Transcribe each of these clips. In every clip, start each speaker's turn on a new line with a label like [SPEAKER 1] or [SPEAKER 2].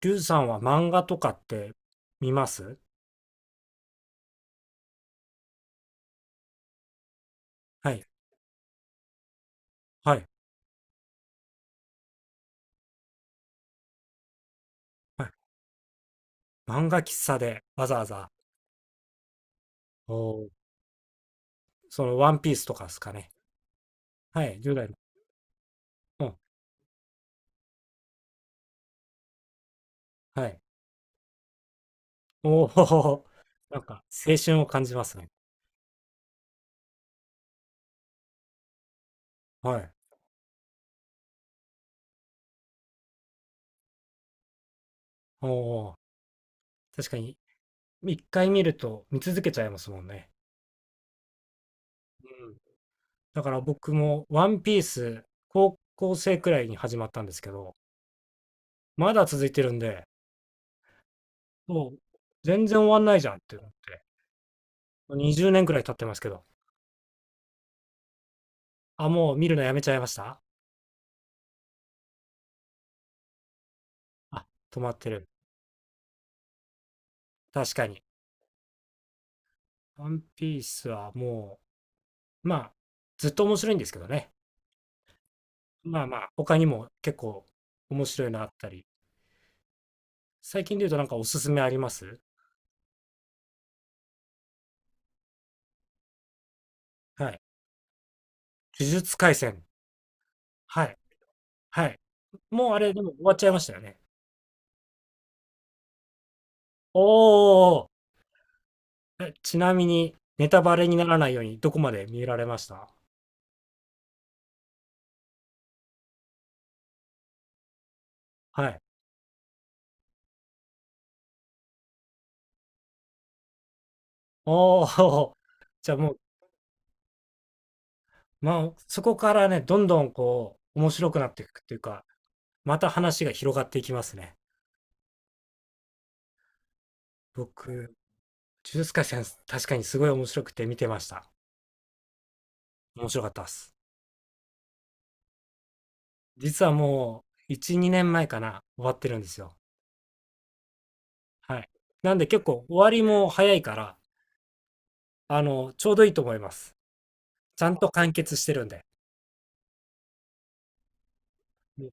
[SPEAKER 1] リュウさんは漫画とかって見ます？はい、はい、はい。漫画喫茶でわざわざ、おーそのワンピースとかですかね。はい、10代の。うん、はい。おお、なんか青春を感じますね。はい。おお、確かに、一回見ると見続けちゃいますもんね。うん。だから僕もワンピース、高校生くらいに始まったんですけど、まだ続いてるんで、もう全然終わんないじゃんって思って、20年くらい経ってますけど。あ、もう見るのやめちゃいました？あ、止まってる。確かに。ワンピースはもう、まあ、ずっと面白いんですけどね。まあまあ、他にも結構面白いのあったり。最近で言うとなんかおすすめあります？はい。呪術廻戦。はい、はい。もうあれ、でも終わっちゃいましたよね。おおえ、ちなみに、ネタバレにならないようにどこまで見られました？はい。おお。じゃあもう、まあ、そこからね、どんどんこう面白くなっていくっていうか、また話が広がっていきますね。僕、呪術廻戦、確かにすごい面白くて見てました。面白かったです。実はもう、1、2年前かな、終わってるんですよ。はい。なんで結構終わりも早いから、ちょうどいいと思います。ちゃんと完結してるんで。うん。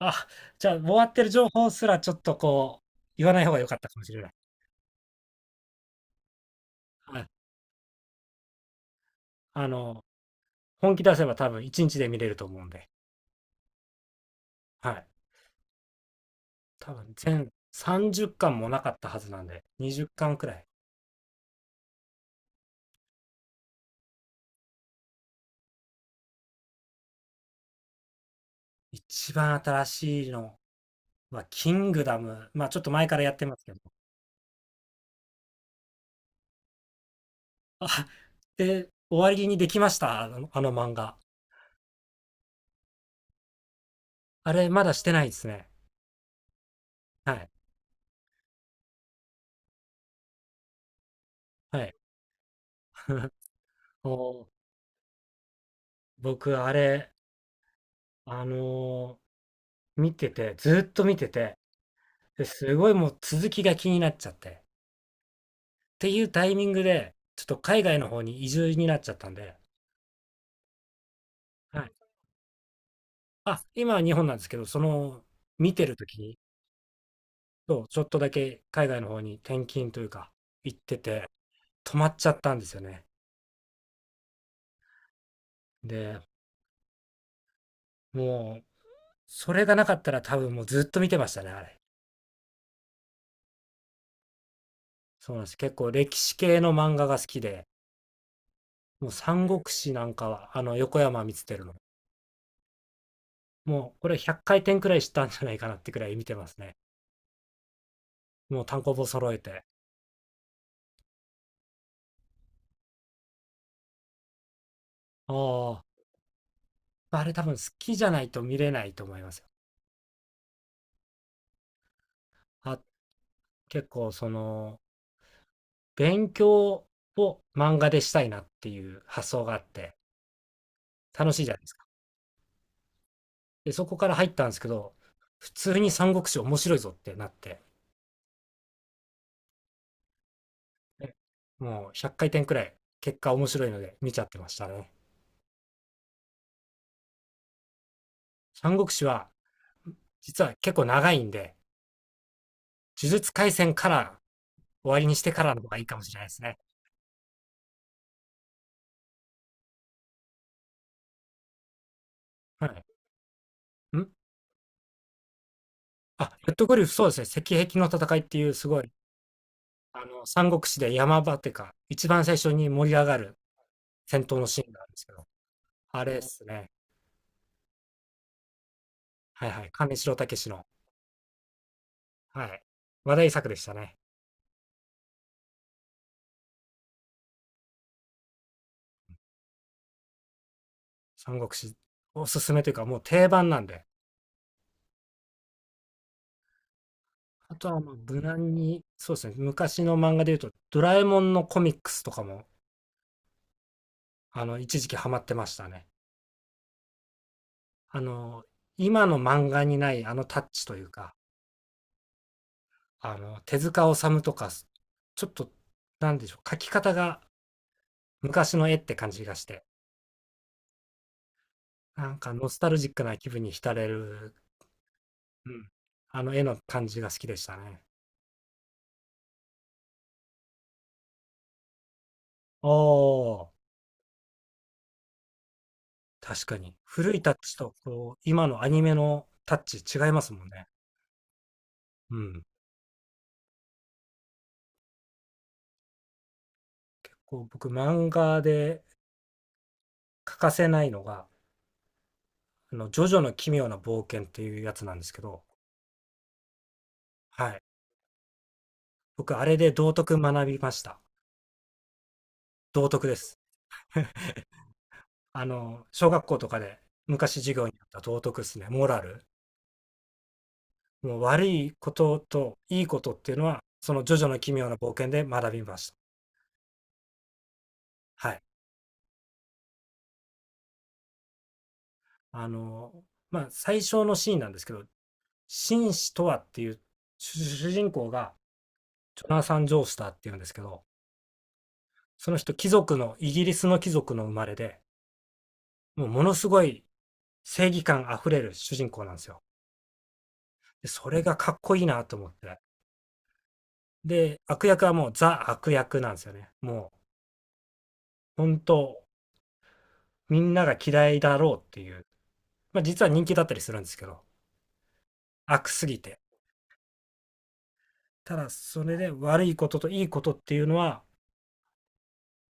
[SPEAKER 1] あ、じゃあ終わってる情報すらちょっとこう、言わない方が良かったかもしれない。はい。あの、本気出せば多分1日で見れると思うんで。はい。多分全30巻もなかったはずなんで、20巻くらい。一番新しいのは、キングダム。まあ、ちょっと前からやってますけど。あ、で、終わりにできました。あの漫画。あれ、まだしてないですね。はい。はい。お僕、あれ、あの見てて、ずーっと見てて、ですごいもう続きが気になっちゃって。っていうタイミングで、ちょっと海外の方に移住になっちゃったんで、はい。あ、今は日本なんですけど、見てる時に、そう、ちょっとだけ海外の方に転勤というか、行ってて、止まっちゃったんですよね。で、もう、それがなかったら多分もうずっと見てましたね、あれ。そうなんです。結構歴史系の漫画が好きで、もう三国志なんかは、横山光輝の。もう、これ100回転くらいしたんじゃないかなってくらい見てますね。もう単行本揃えて。ああ、あれ多分好きじゃないと見れないと思いますよ。あ、結構勉強を漫画でしたいなっていう発想があって、楽しいじゃないですか。で、そこから入ったんですけど、普通に三国志面白いぞってなって、ね、もう100回転くらい結果面白いので見ちゃってましたね。三国志は実は結構長いんで、呪術廻戦から終わりにしてからの方がいいかもしれないですね。はい。あ、レッドグリフ、そうですね。石壁の戦いっていうすごい、三国志で山場っていうか、一番最初に盛り上がる戦闘のシーンがあるんですけど、あれですね。はいはい。金城武の、はい。話題作でしたね。三国志おすすめというかもう定番なんで。あとはまあ無難に、そうですね、昔の漫画で言うと、ドラえもんのコミックスとかも、一時期ハマってましたね。あの、今の漫画にないあのタッチというか、手塚治虫とか、ちょっと、なんでしょう、描き方が昔の絵って感じがして、なんかノスタルジックな気分に浸れる、うん、あの絵の感じが好きでしたね。おー。確かに。古いタッチと、こう、今のアニメのタッチ違いますもんね。うん。こう、僕、漫画で欠かせないのが、ジョジョの奇妙な冒険っていうやつなんですけど、はい。僕、あれで道徳学びました。道徳です。小学校とかで昔授業にあった道徳ですね。モラル。もう悪いことといいことっていうのは、そのジョジョの奇妙な冒険で学びました。はい。あの、まあ、最初のシーンなんですけど、紳士とはっていう主人公がジョナサン・ジョースターっていうんですけど、その人貴族の、イギリスの貴族の生まれで、もうものすごい正義感あふれる主人公なんですよ。でそれがかっこいいなと思って。で、悪役はもうザ悪役なんですよね。もう本当、みんなが嫌いだろうっていう。まあ実は人気だったりするんですけど、悪すぎて。ただそれで悪いことといいことっていうのは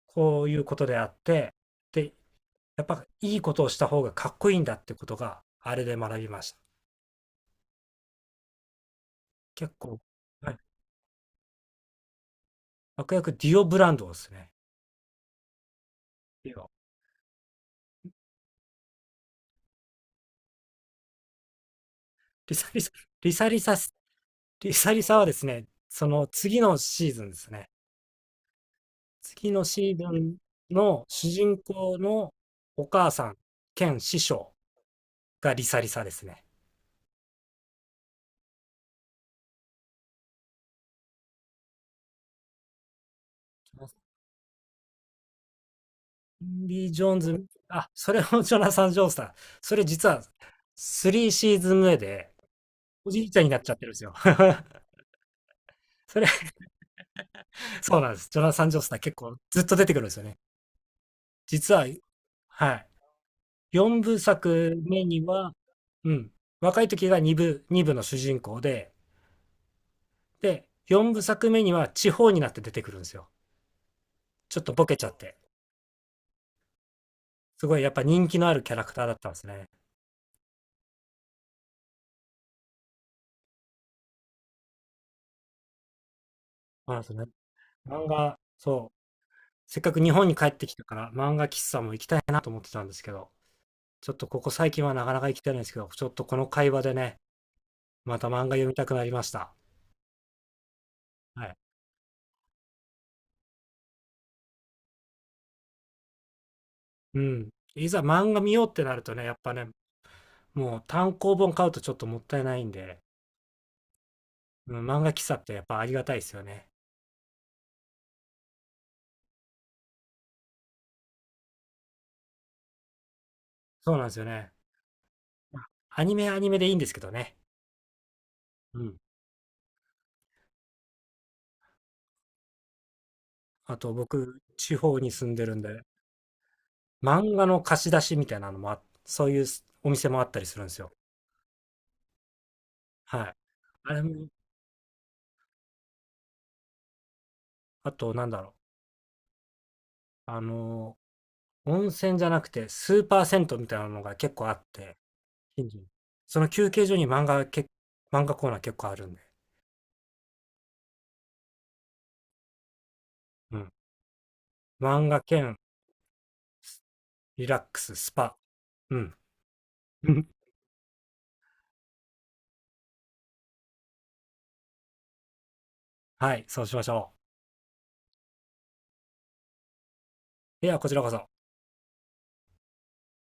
[SPEAKER 1] こういうことであって、で、やっぱいいことをした方がかっこいいんだってことが、あれで学びました。結構、はい。悪役ディオブランドですね。ディオ。リサリサ、リサリサリサリサはですね、その次のシーズンですね。次のシーズンの主人公のお母さん兼師匠がリサリサですね。インディ・ジョーンズ、あ、それもジョナサン・ジョースター。それ実は3シーズン目でおじいちゃんになっちゃってるんですよ。それそうなんです。ジョナサン・ジョースター結構ずっと出てくるんですよね。実は、はい。4部作目には、うん。若い時が2部、2部の主人公で、4部作目には地方になって出てくるんですよ。ちょっとボケちゃって。すごいやっぱ人気のあるキャラクターだったんですね。まあ、そうね。漫画、そう。せっかく日本に帰ってきたから漫画喫茶も行きたいなと思ってたんですけど、ちょっとここ最近はなかなか行きたいんですけど、ちょっとこの会話でね、また漫画読みたくなりました。はい。うん。いざ漫画見ようってなるとね、やっぱね、もう単行本買うとちょっともったいないんで、うん、漫画喫茶ってやっぱありがたいですよね。そうなんですよね。まあアニメはアニメでいいんですけどね。うん。あと僕、地方に住んでるんで、漫画の貸し出しみたいなのもそういうお店もあったりするんですよ。はい。あれも、あとなんだろう。あの温泉じゃなくてスーパー銭湯みたいなのが結構あって、近所にその休憩所に漫画コーナー結構あるんで。うん。漫画兼リラックススパ。うん。はい、そうしましょう。では、こちらこそ。